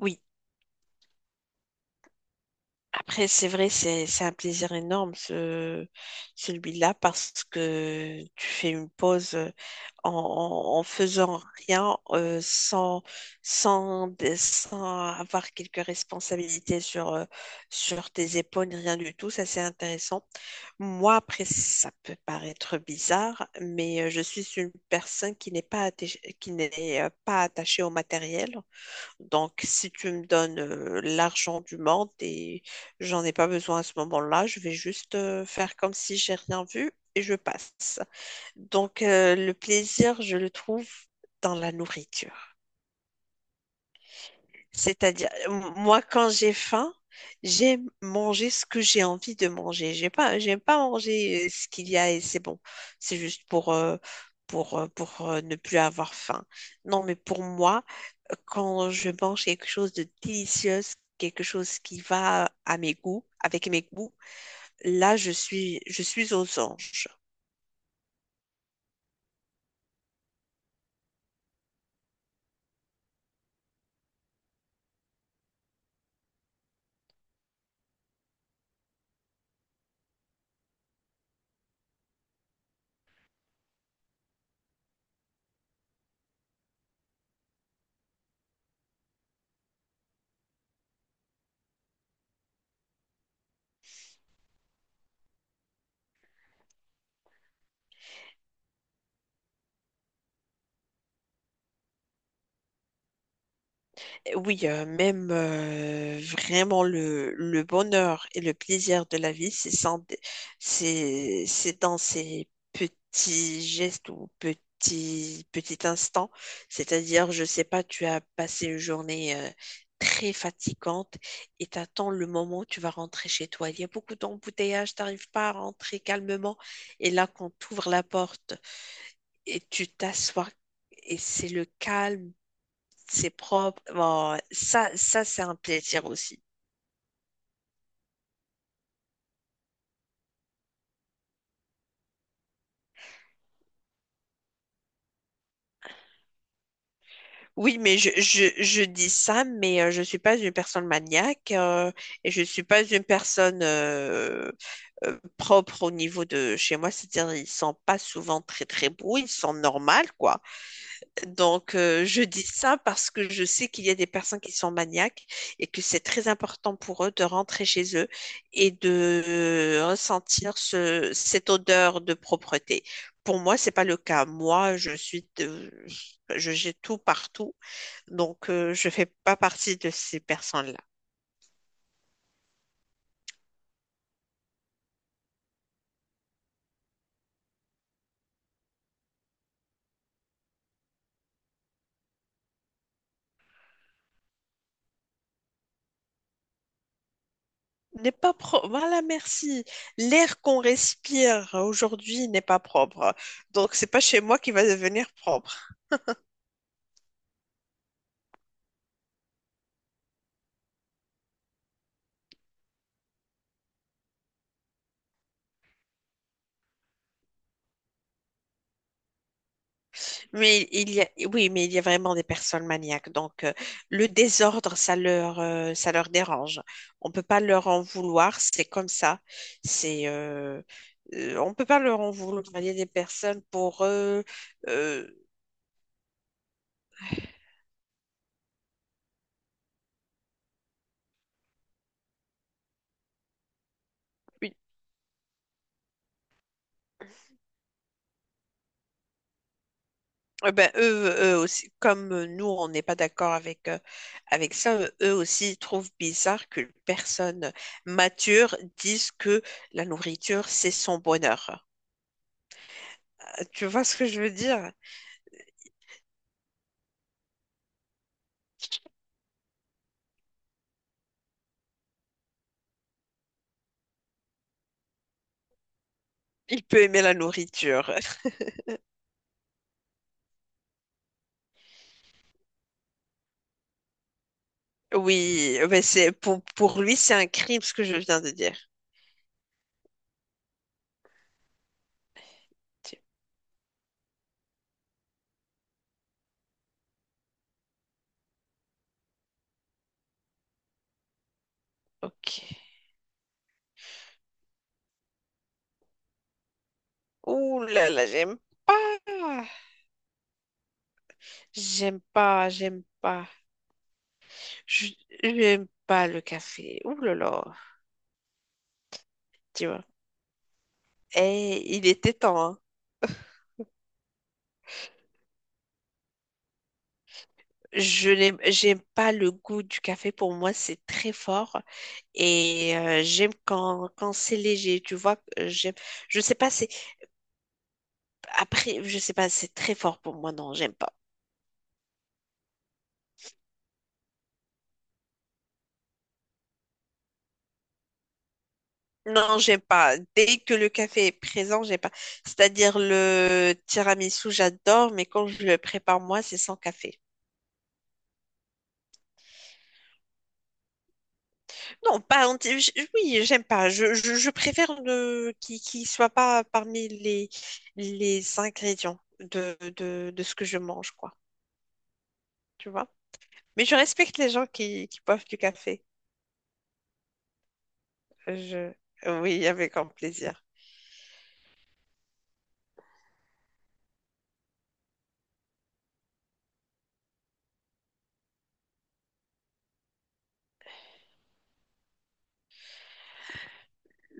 Oui, après, c'est vrai, c'est un plaisir énorme, ce, celui-là, parce que tu fais une pause en faisant rien, sans avoir quelques responsabilités sur, sur tes épaules, ni rien du tout. Ça, c'est intéressant. Moi, après, ça peut paraître bizarre, mais je suis une personne qui n'est pas attachée au matériel. Donc, si tu me donnes l'argent du monde et j'en ai pas besoin à ce moment-là, je vais juste faire comme si j'ai rien vu et je passe. Donc, le plaisir, je le trouve dans la nourriture. C'est-à-dire, moi, quand j'ai faim, j'aime manger ce que j'ai envie de manger. J'ai pas, j'aime pas manger ce qu'il y a et c'est bon. C'est juste pour ne plus avoir faim. Non, mais pour moi, quand je mange quelque chose de délicieux, quelque chose qui va à mes goûts, avec mes goûts, là, je suis aux anges. Oui, même vraiment le bonheur et le plaisir de la vie, c'est sans- c'est dans ces petits gestes ou petits, petits instants. C'est-à-dire, je sais pas, tu as passé une journée très fatigante et t'attends le moment où tu vas rentrer chez toi. Il y a beaucoup d'embouteillages, t'arrives pas à rentrer calmement. Et là, quand tu ouvres la porte et tu t'assois, et c'est le calme, c'est propre. Bon, ça c'est un plaisir aussi. Oui, mais je dis ça, mais je suis pas une personne maniaque et je suis pas une personne propre au niveau de chez moi. C'est-à-dire, ils ne sont pas souvent très, très beaux, ils sont normaux, quoi. Donc, je dis ça parce que je sais qu'il y a des personnes qui sont maniaques et que c'est très important pour eux de rentrer chez eux et de ressentir cette odeur de propreté. Pour moi, c'est pas le cas. Moi, je suis, de- Je jette tout partout, donc je fais pas partie de ces personnes-là. N'est pas propre. Voilà, merci. L'air qu'on respire aujourd'hui n'est pas propre. Donc, c'est pas chez moi qui va devenir propre. Mais il y a, oui, mais il y a vraiment des personnes maniaques. Donc, le désordre, ça leur dérange. On peut pas leur en vouloir. C'est comme ça. C'est, euh, on peut pas leur en vouloir. Il y a des personnes pour eux, euh, une- eh ben, eux aussi, comme nous, on n'est pas d'accord avec, avec ça, eux aussi ils trouvent bizarre qu'une personne mature dise que la nourriture, c'est son bonheur. Tu vois ce que je veux dire? Il peut aimer la nourriture. Oui, mais c'est pour lui, c'est un crime ce que je viens de dire. C'est- Ok. Ouh là là, j'aime pas. J'aime pas, j'aime pas. Je j'aime pas le café. Ouh là là, tu vois. Et il était temps, hein. J'aime pas le goût du café. Pour moi, c'est très fort. Et j'aime quand c'est léger, tu vois. J'aime, je sais pas, c'est, après, je sais pas, c'est très fort pour moi. Non, j'aime pas. Non, j'aime pas. Dès que le café est présent, j'aime pas. C'est-à-dire le tiramisu, j'adore, mais quand je le prépare moi, c'est sans café. Non, pas anti. Oui, j'aime pas. Je préfère ne... qu'il soit pas parmi les ingrédients de ce que je mange, quoi. Tu vois? Mais je respecte les gens qui boivent du café. Je... Oui, avec grand plaisir.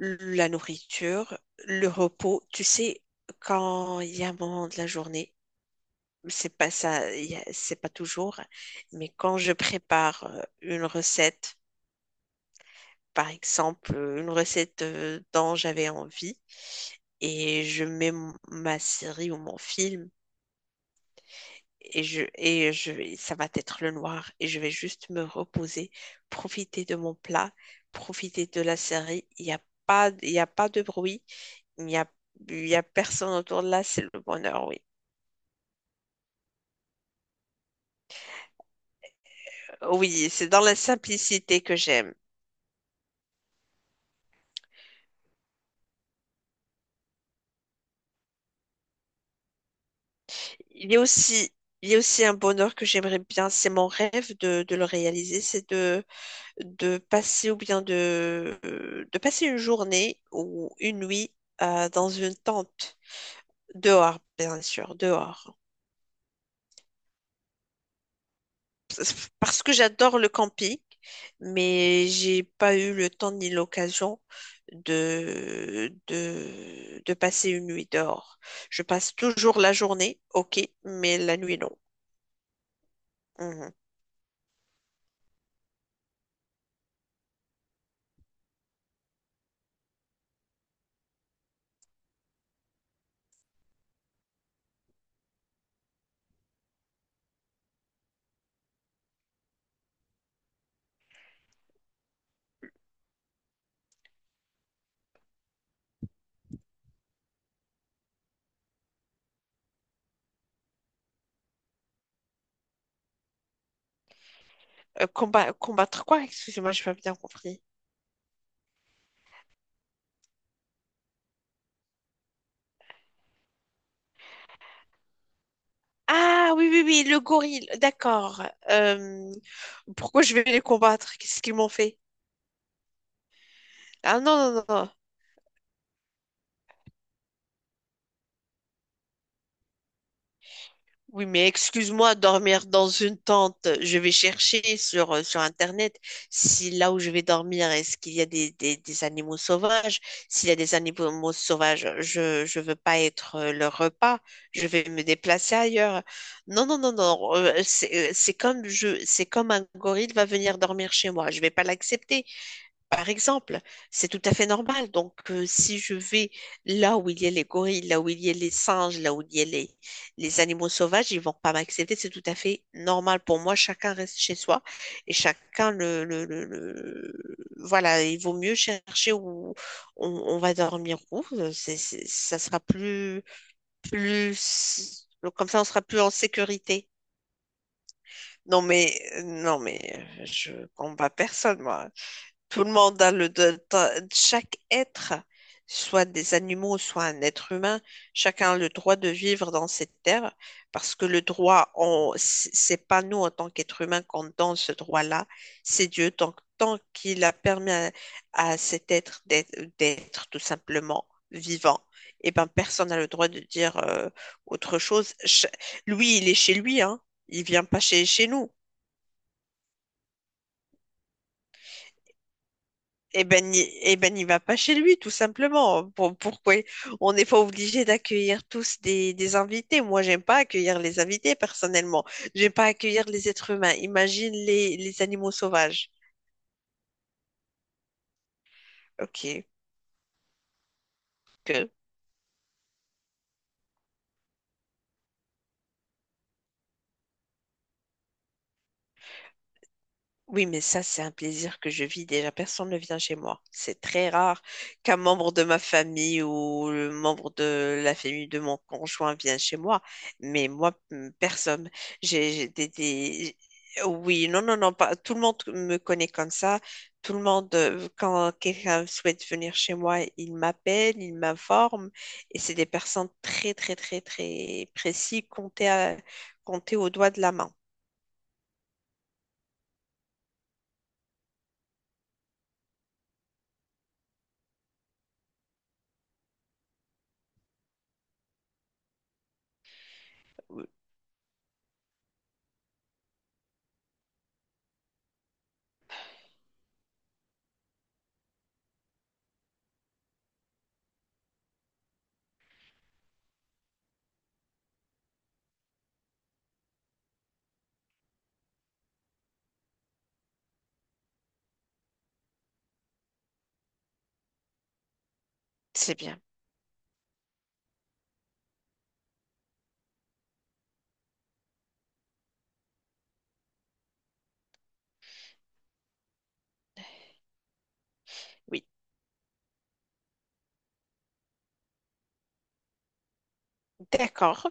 La nourriture, le repos, tu sais, quand il y a un moment de la journée c'est pas ça, c'est pas toujours, mais quand je prépare une recette, par exemple, une recette dont j'avais envie, et je mets ma série ou mon film, ça va être le noir, et je vais juste me reposer, profiter de mon plat, profiter de la série, il y a pas de bruit, il n'y a, il y a personne autour de là, c'est le bonheur, oui. Oui, c'est dans la simplicité que j'aime. Il y a aussi, il y a aussi un bonheur que j'aimerais bien, c'est mon rêve de le réaliser, de passer ou bien de passer une journée ou une nuit dans une tente, dehors, bien sûr, dehors. Parce que j'adore le camping, mais j'ai pas eu le temps ni l'occasion de passer une nuit dehors. Je passe toujours la journée, ok, mais la nuit, non. Mhm. Combattre quoi? Excusez-moi, j'ai pas bien compris. Ah oui, oui, oui, le gorille, d'accord. Euh, pourquoi je vais les combattre? Qu'est-ce qu'ils m'ont fait? Ah non, non, non, non. Oui, mais excuse-moi, dormir dans une tente, je vais chercher sur, sur Internet si là où je vais dormir, est-ce qu'il y a des animaux sauvages? S'il y a des animaux sauvages, je veux pas être leur repas, je vais me déplacer ailleurs. Non, non, non, non, c'est comme un gorille va venir dormir chez moi, je vais pas l'accepter. Par exemple, c'est tout à fait normal. Donc, si je vais là où il y a les gorilles, là où il y a les singes, là où il y a les animaux sauvages, ils vont pas m'accepter. C'est tout à fait normal pour moi. Chacun reste chez soi et chacun voilà, il vaut mieux chercher où on va dormir où. Ça sera plus, plus... Comme ça, on sera plus en sécurité. Non, mais, non, mais je combats personne, moi. Tout le monde a le de- ta- chaque être, soit des animaux, soit un être humain, chacun a le droit de vivre dans cette terre parce que le droit, on, c'est pas nous en tant qu'être humain qu'on donne ce droit-là, c'est Dieu. Tant qu'il a permis à cet être d'être tout simplement vivant, et ben personne n'a le droit de dire autre chose. Lui, il est chez lui, hein. Il vient pas chez nous. Eh ben, n'y va pas chez lui, tout simplement. Pourquoi on n'est pas obligé d'accueillir tous des invités? Moi, j'aime pas accueillir les invités, personnellement. J'aime pas accueillir les êtres humains. Imagine les animaux sauvages. Ok. Oui, mais ça, c'est un plaisir que je vis déjà. Personne ne vient chez moi. C'est très rare qu'un membre de ma famille ou le membre de la famille de mon conjoint vienne chez moi. Mais moi, personne. J'ai des- Oui, non, non, non, pas... tout le monde me connaît comme ça. Tout le monde, quand quelqu'un souhaite venir chez moi, il m'appelle, il m'informe. Et c'est des personnes très, très, très, très précises, comptées au doigt de la main. Oui, c'est bien. Oui, d'accord.